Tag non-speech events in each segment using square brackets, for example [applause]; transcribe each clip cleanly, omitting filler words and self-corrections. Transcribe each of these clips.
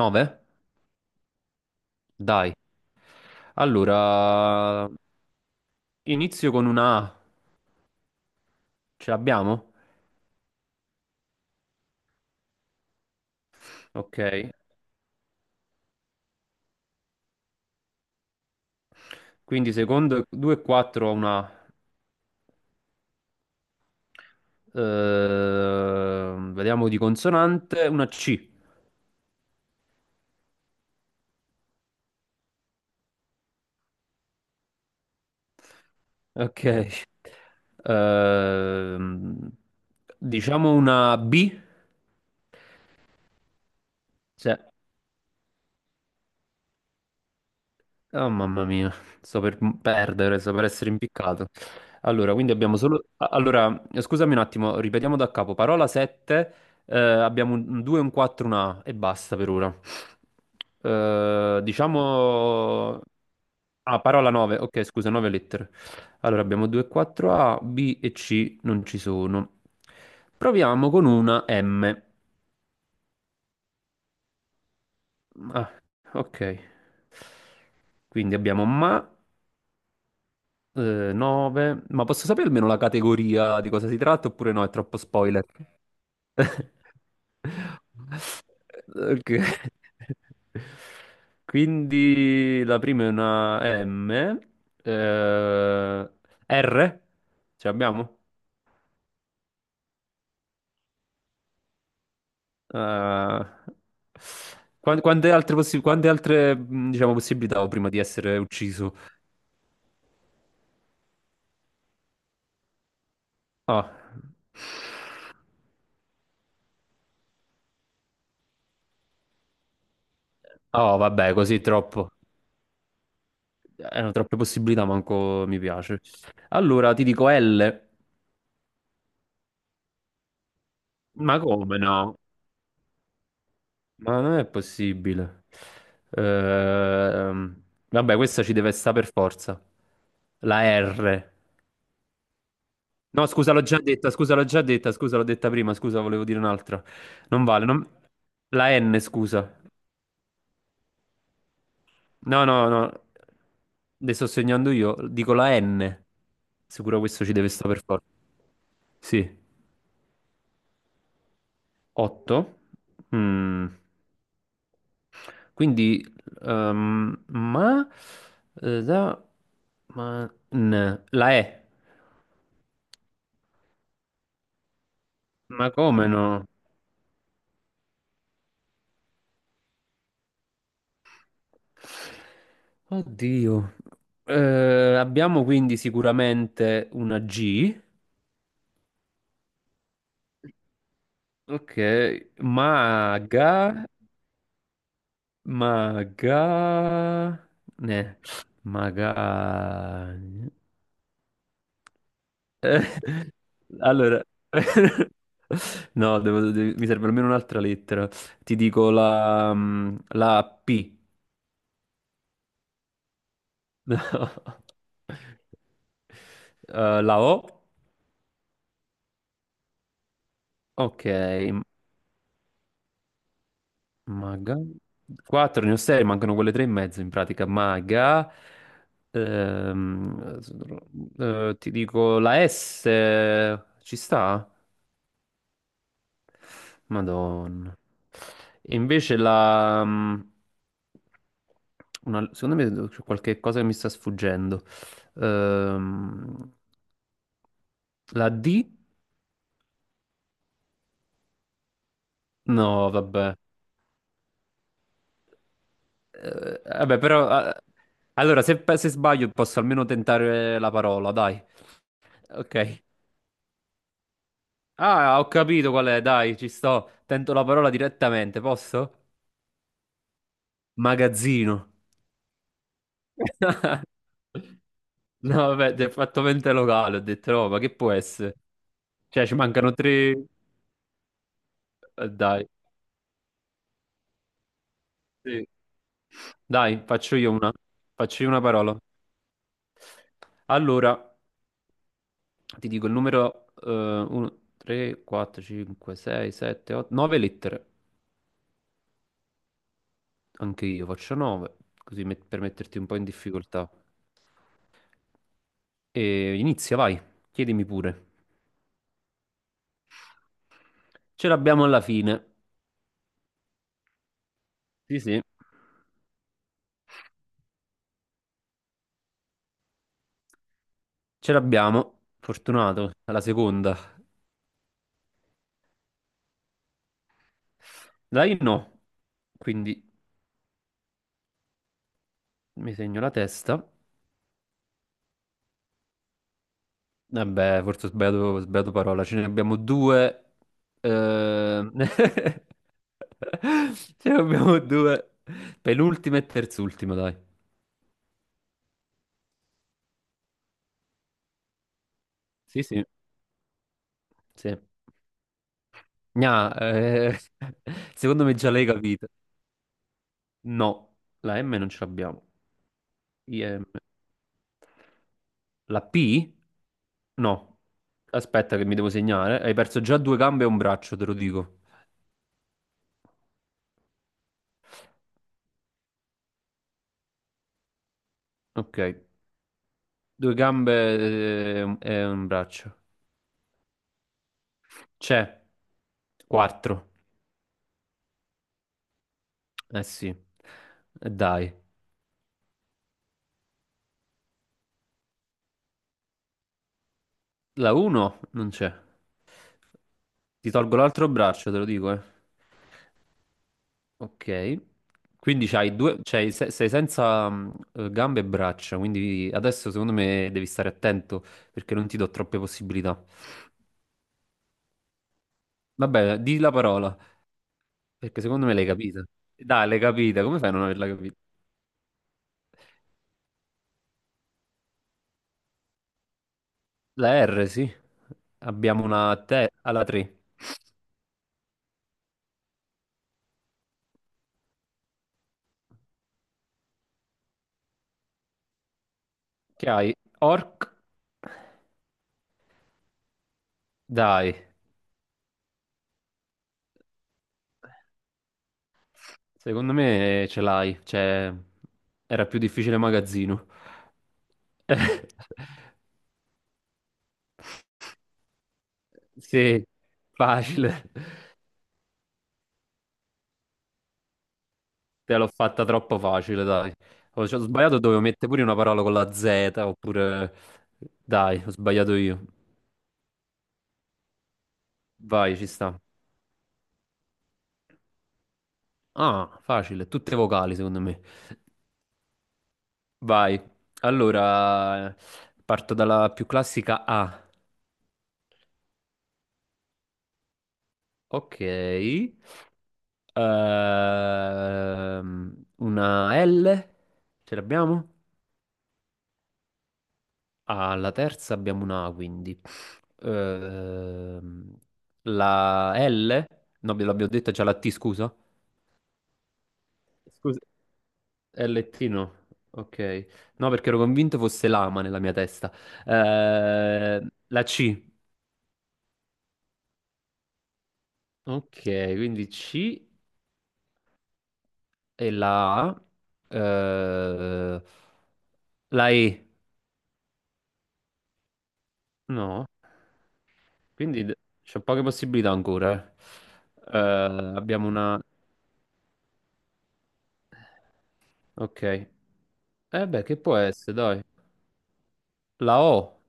9? Dai. Allora, inizio con una A. Ce l'abbiamo? Ok. Quindi secondo 2 e 4 ho una A. Vediamo di consonante, una C. Ok. Ehm, diciamo una B. Sì. Oh mamma mia, sto per perdere, sto per essere impiccato. Allora, quindi abbiamo solo... Allora, scusami un attimo, ripetiamo da capo. Parola 7, abbiamo un 2, un 4, un A e basta per ora. Diciamo... Ah, parola 9, ok, scusa, 9 lettere. Allora, abbiamo 2, 4, A, B e C non ci sono. Proviamo con una M. Ah, ok. Quindi abbiamo ma. 9, ma posso sapere almeno la categoria di cosa si tratta oppure no? È troppo spoiler. [laughs] Ok. Quindi la prima è una M, eh, R, ce l'abbiamo? Eh, quante altre, quante altre, diciamo, possibilità ho prima di essere ucciso? Ah. Oh, vabbè, così troppo. Erano troppe possibilità, manco mi piace. Allora ti dico L. Ma come no? Ma non è possibile. Ehm, vabbè, questa ci deve stare per forza. La R. No, scusa, l'ho già detta, scusa, l'ho già detta, scusa, l'ho detta prima, scusa, volevo dire un'altra. Non vale, la N, scusa. No, no, no. Le sto segnando io, dico la N. Sicuro questo ci deve stare per forza. Sì. 8. Quindi, ma, da, ma, n, la E, ma come no? Oddio. Abbiamo quindi sicuramente una G, ok, maga, maga, ne, maga. Eh, allora, [laughs] no, mi serve almeno un'altra lettera. Ti dico la, la P. [laughs] No. La O. Ok, maga. 4, ne ho 6, mancano quelle 3 e mezzo in pratica. Maga. Ehm, ti dico la S. Ci sta? Madonna. E invece la... secondo me c'è qualche cosa che mi sta sfuggendo. Ehm, la D? No, vabbè. Vabbè, però... ah, allora, se sbaglio posso almeno tentare la parola, dai. Ok. Ah, ho capito qual è, dai, ci sto. Tento la parola direttamente, posso? Magazzino. [laughs] No, vabbè, ti hai fatto mente locale, ho detto no, ma che può essere? Cioè, ci mancano tre. Eh, dai, sì. Dai, faccio io una. Faccio io una parola. Allora, ti dico il numero 1, 3, 4, 5, 6, 7, 8, 9 lettere. Anche io faccio 9, così per metterti un po' in difficoltà. E inizia, vai, chiedimi pure. Ce l'abbiamo alla fine. Sì, sì, ce l'abbiamo. Fortunato, alla seconda. Dai, no. Quindi mi segno la testa. Eh beh, forse ho sbagliato parola, ce ne abbiamo due. ehm, [laughs] Ce ne abbiamo due. Penultima e terzultima, dai. Sì, sì, sì. Gna, [laughs] secondo me già l'hai capito. No, la M non ce l'abbiamo. IM. La P? No. Aspetta che mi devo segnare. Hai perso già due gambe e un braccio, te lo dico. Ok. Due gambe e un braccio. C'è. Quattro. Eh sì, eh, dai. La 1 non c'è. Ti tolgo l'altro braccio, te lo dico, eh. Ok. Quindi c'hai due, sei senza gambe e braccia, quindi adesso secondo me devi stare attento perché non ti do troppe possibilità. Vabbè, di la parola, perché secondo me l'hai capita. Dai, l'hai capita, come fai a non averla capita? La R, sì. Abbiamo una T alla 3. Che hai? Orc. Dai. Secondo me ce l'hai, cioè era più difficile magazzino. [laughs] Sì, facile. Te l'ho fatta troppo facile, dai. Ho, cioè, ho sbagliato, dovevo mettere pure una parola con la Z, oppure... Dai, ho sbagliato io. Vai, ci sta. Ah, facile, tutte vocali secondo me. Vai. Allora, parto dalla più classica A. Ok. Una L. Ce l'abbiamo? Alla terza abbiamo una A, quindi. Ehm, la L? No, ve l'abbiamo detta già la T, scusa. Scusa. LT no. Ok. No, perché ero convinto fosse lama nella mia testa. La C. Ok, quindi C e la A. Eh, la E. No. Quindi c'ho poche possibilità ancora. Eh. Abbiamo una... Ok. Eh beh, che può essere, dai. La O.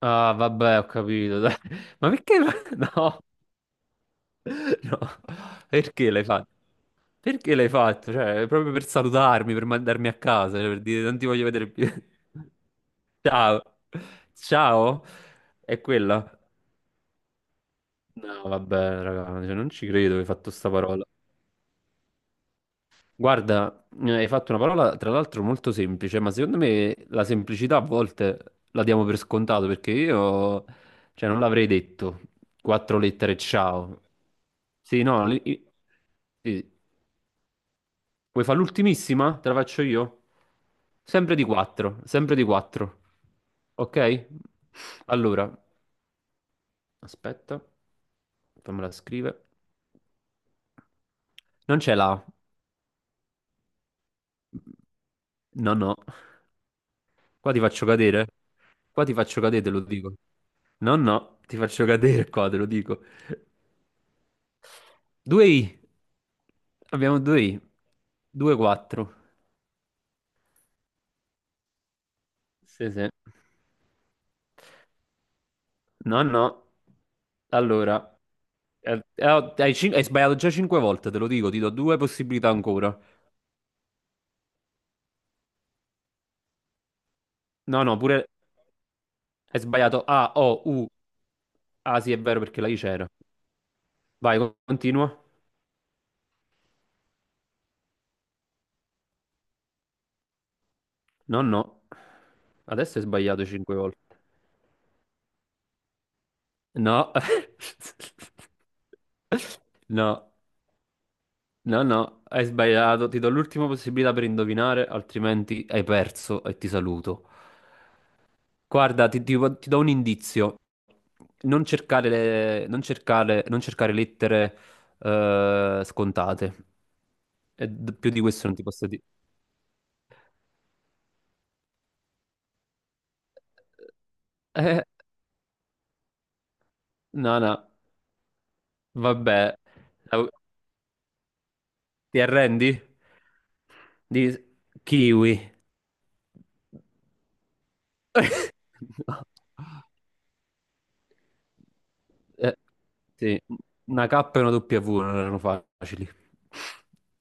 Ah, vabbè, ho capito. Dai. Ma perché? [laughs] No, no. Perché l'hai fatto? Perché l'hai fatto? Cioè, proprio per salutarmi, per mandarmi a casa, cioè, per dire non ti voglio vedere più. [laughs] Ciao. Ciao? È quella? No, vabbè, raga, cioè, non ci credo che hai fatto sta parola. Guarda, hai fatto una parola tra l'altro molto semplice, ma secondo me la semplicità a volte la diamo per scontato perché io, cioè, non l'avrei detto. Quattro lettere, ciao. Sì, no, sì. Vuoi fare l'ultimissima? Te la faccio io? Sempre di quattro, sempre di quattro. Ok? Allora, aspetta, fammela scrivere. Non c'è la. A. No, no. Qua ti faccio cadere. Qua ti faccio cadere, te lo dico. No, no, ti faccio cadere qua, te lo dico. 2i. Abbiamo 2i. 2-4. Sì, sì. No, no. Allora, oh, hai, hai sbagliato già 5 volte, te lo dico, ti do due possibilità ancora. No, no, pure hai sbagliato A, O, U. Ah, sì, è vero perché la I c'era. Vai, continua. No, no. Adesso hai sbagliato 5 volte. No. [laughs] No, no, no, hai sbagliato. Ti do l'ultima possibilità per indovinare, altrimenti hai perso e ti saluto. Guarda, ti do un indizio. Non cercare, non cercare, non cercare lettere scontate. E più di questo non ti posso dire. Eh, no, no, vabbè. Ti arrendi? Di kiwi. [laughs] Eh, sì, una K e una W non erano facili.